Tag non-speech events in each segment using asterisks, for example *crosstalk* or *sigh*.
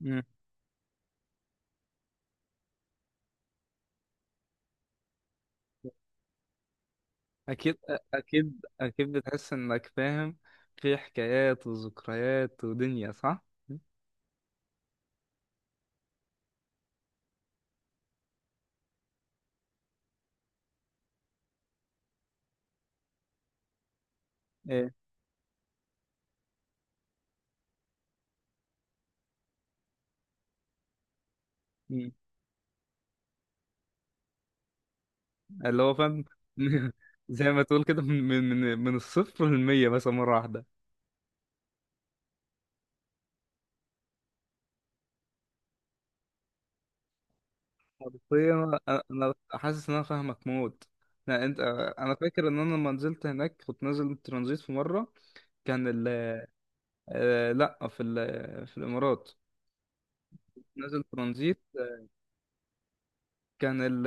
مم. أكيد. أكيد بتحس إنك فاهم. في حكايات وذكريات ودنيا، صح؟ إيه. مم. اللي هو فاهم. *laughs* زي ما تقول كده، من الصفر للمية بس مرة واحدة. حرفيا. أنا حاسس إن أنا فاهمك موت. لا، أنت. أنا فاكر إن أنا لما نزلت هناك، كنت نازل ترانزيت في مرة. كان ال آه، لأ، في الإمارات. نازل ترانزيت. كان ال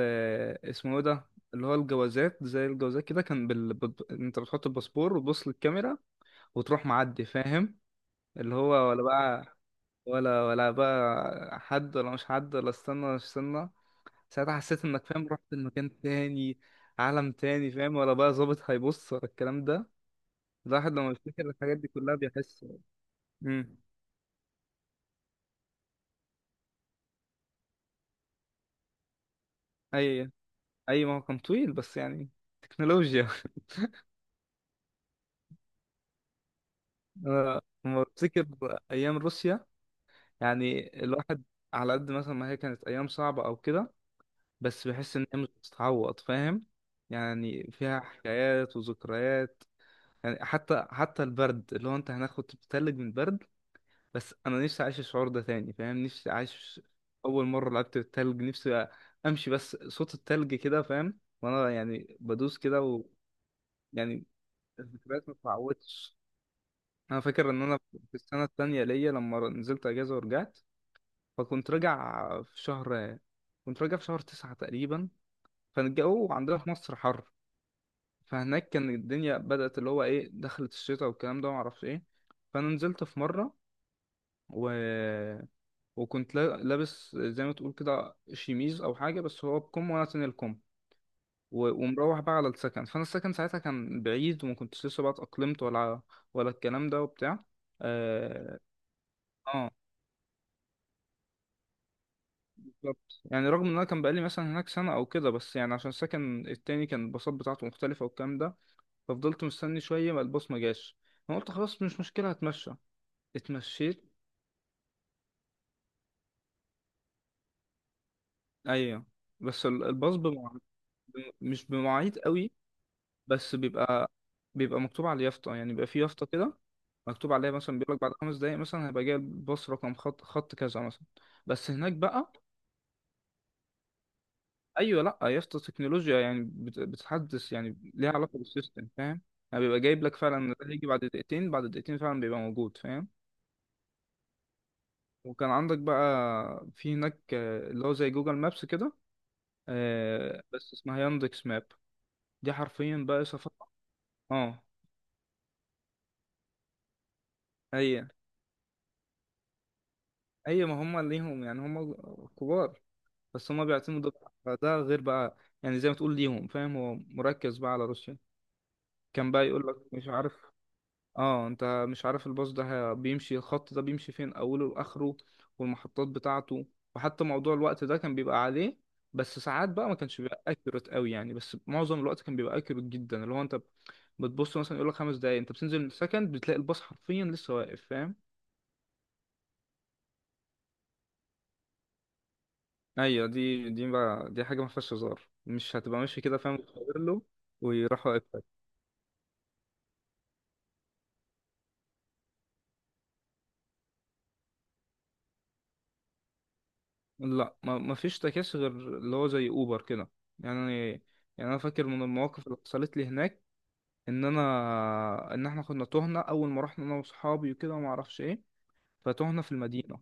اسمه ايه ده؟ اللي هو الجوازات زي الجوازات كده، كان انت بتحط الباسبور وتبص للكاميرا وتروح معدي، فاهم؟ اللي هو ولا بقى، ولا بقى حد، ولا مش حد، ولا استنى، ولا مش استنى. ساعتها حسيت انك، فاهم، رحت لمكان تاني، عالم تاني. فاهم؟ ولا بقى ظابط هيبص، ولا الكلام ده. الواحد لما بيفتكر الحاجات دي كلها بيحس. امم اي، اي، ما هو كان طويل، بس يعني تكنولوجيا. *laughs* أنا لما بفتكر ايام روسيا، يعني الواحد، على قد مثلا ما هي كانت أيام صعبة أو كده، بس بحس إن هي مش بتتعوض، فاهم؟ يعني فيها حكايات وذكريات. يعني حتى البرد اللي هو أنت هناك كنت بتتلج من البرد. بس أنا نفسي أعيش الشعور ده تاني، فاهم؟ نفسي أعيش. أول مرة لعبت بالتلج نفسي أمشي بس صوت التلج كده، فاهم؟ وأنا يعني بدوس كده. ويعني الذكريات ما بتتعوضش. أنا فاكر إن أنا في السنة التانية ليا لما نزلت أجازة ورجعت، فكنت راجع في شهر 9 تقريبا. كان الجو عندنا في مصر حر، فهناك كان الدنيا بدأت، اللي هو ايه، دخلت الشتاء والكلام ده، ومعرفش ايه. فأنا نزلت في مرة، و... وكنت لابس زي ما تقول كده شيميز أو حاجة، بس هو بكم، وأنا تاني الكم. ومروح بقى على السكن، فأنا السكن ساعتها كان بعيد، وما كنتش لسه بقى اتأقلمت، ولا الكلام ده وبتاع. اه. آه، بالظبط، يعني رغم ان انا كان بقالي مثلا هناك سنه او كده، بس يعني عشان السكن التاني كان الباصات بتاعته مختلفه والكلام ده. ففضلت مستني شويه ما الباص ما جاش. انا قلت خلاص، مش مشكله، هتمشى. اتمشيت. ايوه، بس الباص مش بمواعيد قوي، بس بيبقى مكتوب على اليافطه، يعني بيبقى في يافطه كده مكتوب عليها مثلا، بيقول لك بعد 5 دقايق مثلا هيبقى جاي الباص رقم خط خط كذا مثلا. بس هناك بقى، ايوه، لا يا اسطى، التكنولوجيا يعني بتحدث، يعني ليها علاقه بالسيستم، فاهم؟ يعني بيبقى جايب لك فعلا ده هيجي بعد دقيقتين، بعد دقيقتين فعلا بيبقى موجود، فاهم؟ وكان عندك بقى في هناك، آه، اللي هو زي جوجل مابس كده، آه، بس اسمها ياندكس ماب. دي حرفيا بقى سفر. اه. هي هي ما هم ليهم، يعني هم كبار، بس هم بيعتمدوا ده غير بقى يعني، زي ما تقول ليهم، فاهم؟ هو مركز بقى على روسيا. كان بقى يقول لك، مش عارف، اه، انت مش عارف الباص ده، بيمشي الخط ده بيمشي فين، اوله واخره، والمحطات بتاعته. وحتى موضوع الوقت ده كان بيبقى عليه. بس ساعات بقى ما كانش بيبقى اكيوريت قوي، يعني بس معظم الوقت كان بيبقى اكيوريت جدا، اللي هو انت بتبص مثلا يقول لك 5 دقايق، انت بتنزل من السكند بتلاقي الباص حرفيا لسه واقف، فاهم؟ ايوه، دي بقى دي حاجه ما فيهاش هزار، مش هتبقى ماشي كده فاهم وتغير له ويروح واقفك. لا، ما فيش تكاسي غير اللي هو زي اوبر كده، يعني يعني انا فاكر من المواقف اللي حصلت لي هناك، ان احنا كنا تهنا اول ما رحنا، انا واصحابي وكده وما اعرفش ايه. فتهنا في المدينه.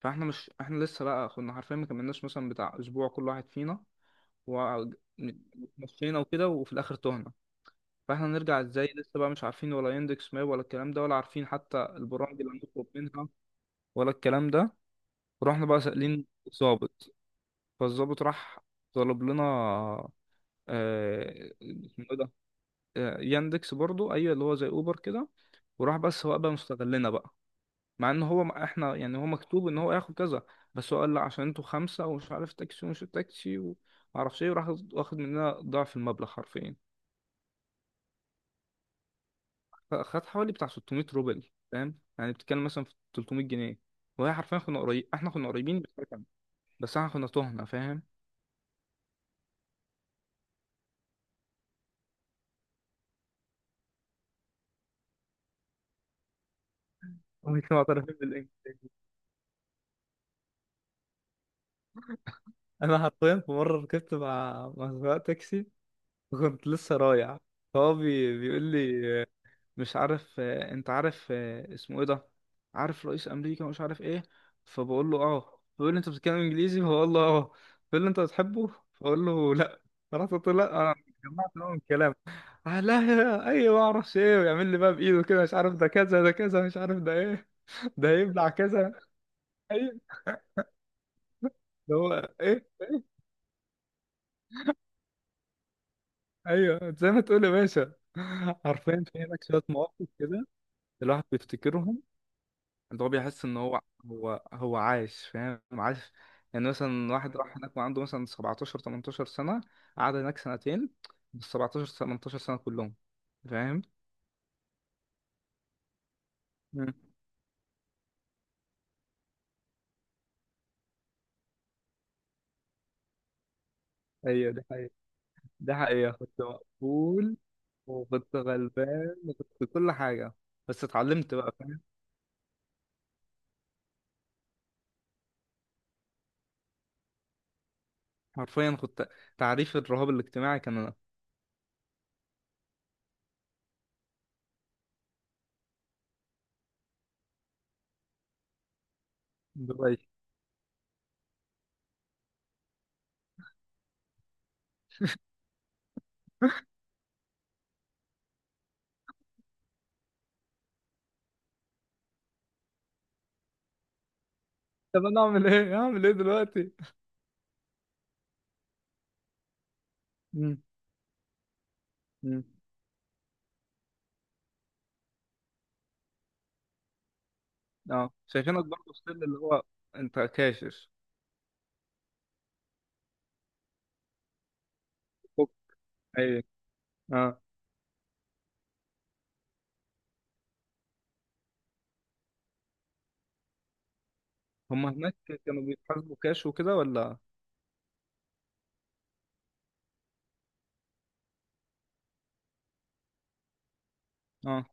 فاحنا مش احنا لسه بقى كنا حرفيا ما كملناش مثلا بتاع اسبوع كل واحد فينا، ومشينا وكده، وفي الاخر تهنا. فاحنا نرجع ازاي، لسه بقى مش عارفين ولا يندكس ماب ولا الكلام ده، ولا عارفين حتى البرامج اللي هنطلب منها، ولا الكلام ده. ورحنا بقى سائلين الضابط. فالضابط راح طلب لنا، آه، اسمه إيه ده؟ آه، ياندكس برضو، ايوه، اللي هو زي اوبر كده. وراح، بس هو بقى مستغلنا بقى، مع ان هو احنا يعني هو مكتوب ان هو ياخد كذا، بس هو قال لا عشان انتوا خمسه ومش عارف تاكسي ومش تاكسي ومعرفش ايه، وراح واخد مننا ضعف المبلغ حرفيا. خد حوالي بتاع 600 روبل، فاهم؟ يعني بتتكلم مثلا في 300 جنيه. وهي حرفيا، كنا قريب احنا كنا قريبين، بس هو بس احنا كنا تهنا، فاهم؟ مش معترفين بالانجلش. انا حرفيا في مره ركبت مع سواق تاكسي، وكنت لسه رايع. فهو بيقول لي، مش عارف، آه، انت عارف، آه، اسمه ايه ده، عارف رئيس امريكا مش عارف ايه. فبقول له اه، بيقول لي انت بتتكلم انجليزي، فبقول له اه. بيقول لي انت بتحبه، فبقول له لا. رحت قلت له لا، انا جمعت نوع من الكلام. آه، لا، ايوه، ما اعرفش ايه، ويعمل لي بقى بايده كده، مش عارف ده كذا ده كذا، مش عارف ده ايه، ده هيبلع كذا. ايوه. ده هو. ايه. ايوه. زي ما تقول يا باشا. *laughs* عارفين في هناك شويه مواقف كده، الواحد بيفتكرهم. ده هو بيحس ان هو عايش، فاهم؟ عايش. يعني مثلا واحد راح هناك وعنده مثلا 17 18 سنة، قعد هناك سنتين، بال 17 18 سنة كلهم، فاهم؟ مم. ايوه، دي حقيقة. دي حقيقة كنت مقفول، وكنت غلبان، وكنت كل حاجة. بس اتعلمت بقى، فاهم؟ حرفيا كنت تعريف الرهاب الاجتماعي كان انا. دلوقتي طب انا اعمل ايه؟ اعمل ايه دلوقتي؟ مم. مم. اه، شايفينك برضه ستيل اللي هو انت كاشف. ايوه. اه، هم هناك كانوا بيتحاسبوا كاش وكده ولا؟ اه.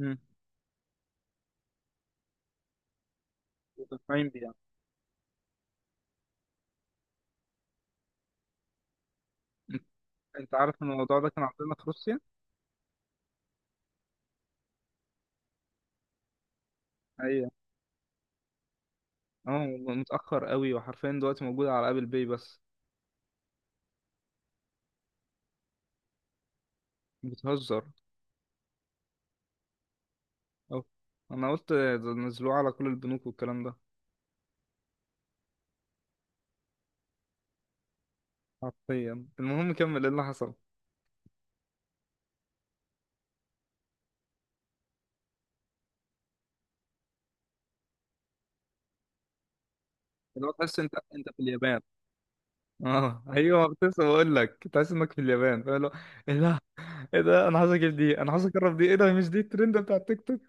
امم. مدفعين بيه يعني. انت أنت عارف ان الموضوع ده كان عندنا في روسيا. ايوه. اه، متأخر قوي، وحرفيا دلوقتي موجود على ابل باي بس. بتهزر. اه، انا قلت ده نزلوه على كل البنوك والكلام ده. حرفيا المهم كمل ايه اللي حصل. اللي هو تحس انت في اليابان. اه، ايوه، كنت لسه بقول لك تحس انك في اليابان، فاللي هو ايه ده، ايه ده، انا عايز اجيب دي، انا عايز اجرب دي، ايه ده، مش دي الترند بتاع التيك توك؟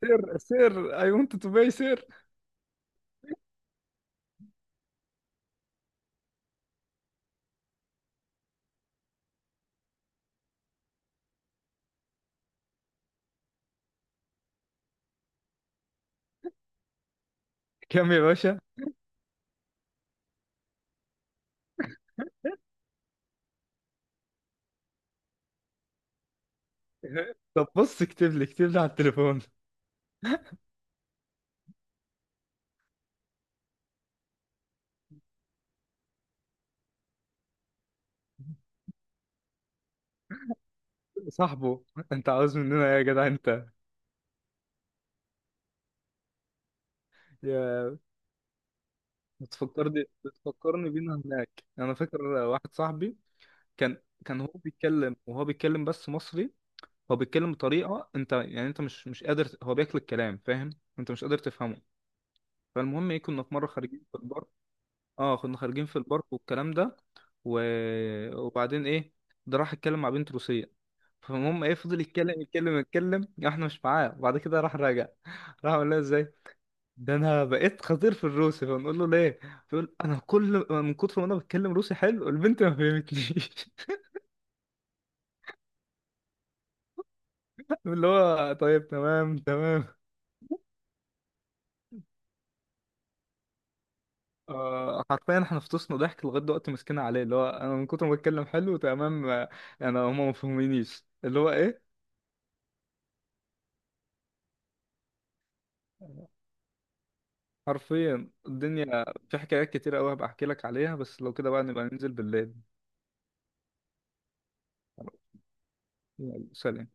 سير سير، اي ونت تو باي سير. كم يا باشا؟ طب بص اكتب لي، اكتب لي على التليفون. صاحبه، انت عاوز مننا ايه يا جدع انت؟ يا. بتفكرني، بتفكرني بينا هناك. انا فاكر واحد صاحبي كان كان هو بيتكلم، وهو بيتكلم بس مصري، هو بيتكلم بطريقه انت، يعني انت مش قادر، هو بياكل الكلام، فاهم؟ انت مش قادر تفهمه. فالمهم ايه، كنا في مره خارجين في البارك، اه كنا خارجين في البارك والكلام ده، و... وبعدين ايه، ده راح اتكلم مع بنت روسيه. فالمهم ايه، فضل يتكلم يتكلم يتكلم، احنا مش معاه، وبعد كده راح راجع. *laughs* راح قال لها ازاي ده انا بقيت خطير في الروسي؟ فنقول له ليه؟ فيقول انا كل من كتر ما انا بتكلم روسي حلو، البنت ما فهمتنيش. *laughs* اللي هو طيب تمام تمام. آه، حرفيا احنا فطسنا ضحك لغايه دلوقتي، ماسكينها عليه، اللي هو انا من كتر ما بتكلم حلو تمام، آه، انا هما ما فهمينيش، اللي هو ايه. حرفيا الدنيا في حكايات كتير قوي، هبقى احكي لك عليها، بس لو كده بقى نبقى ننزل بالليل. يلا، سلام.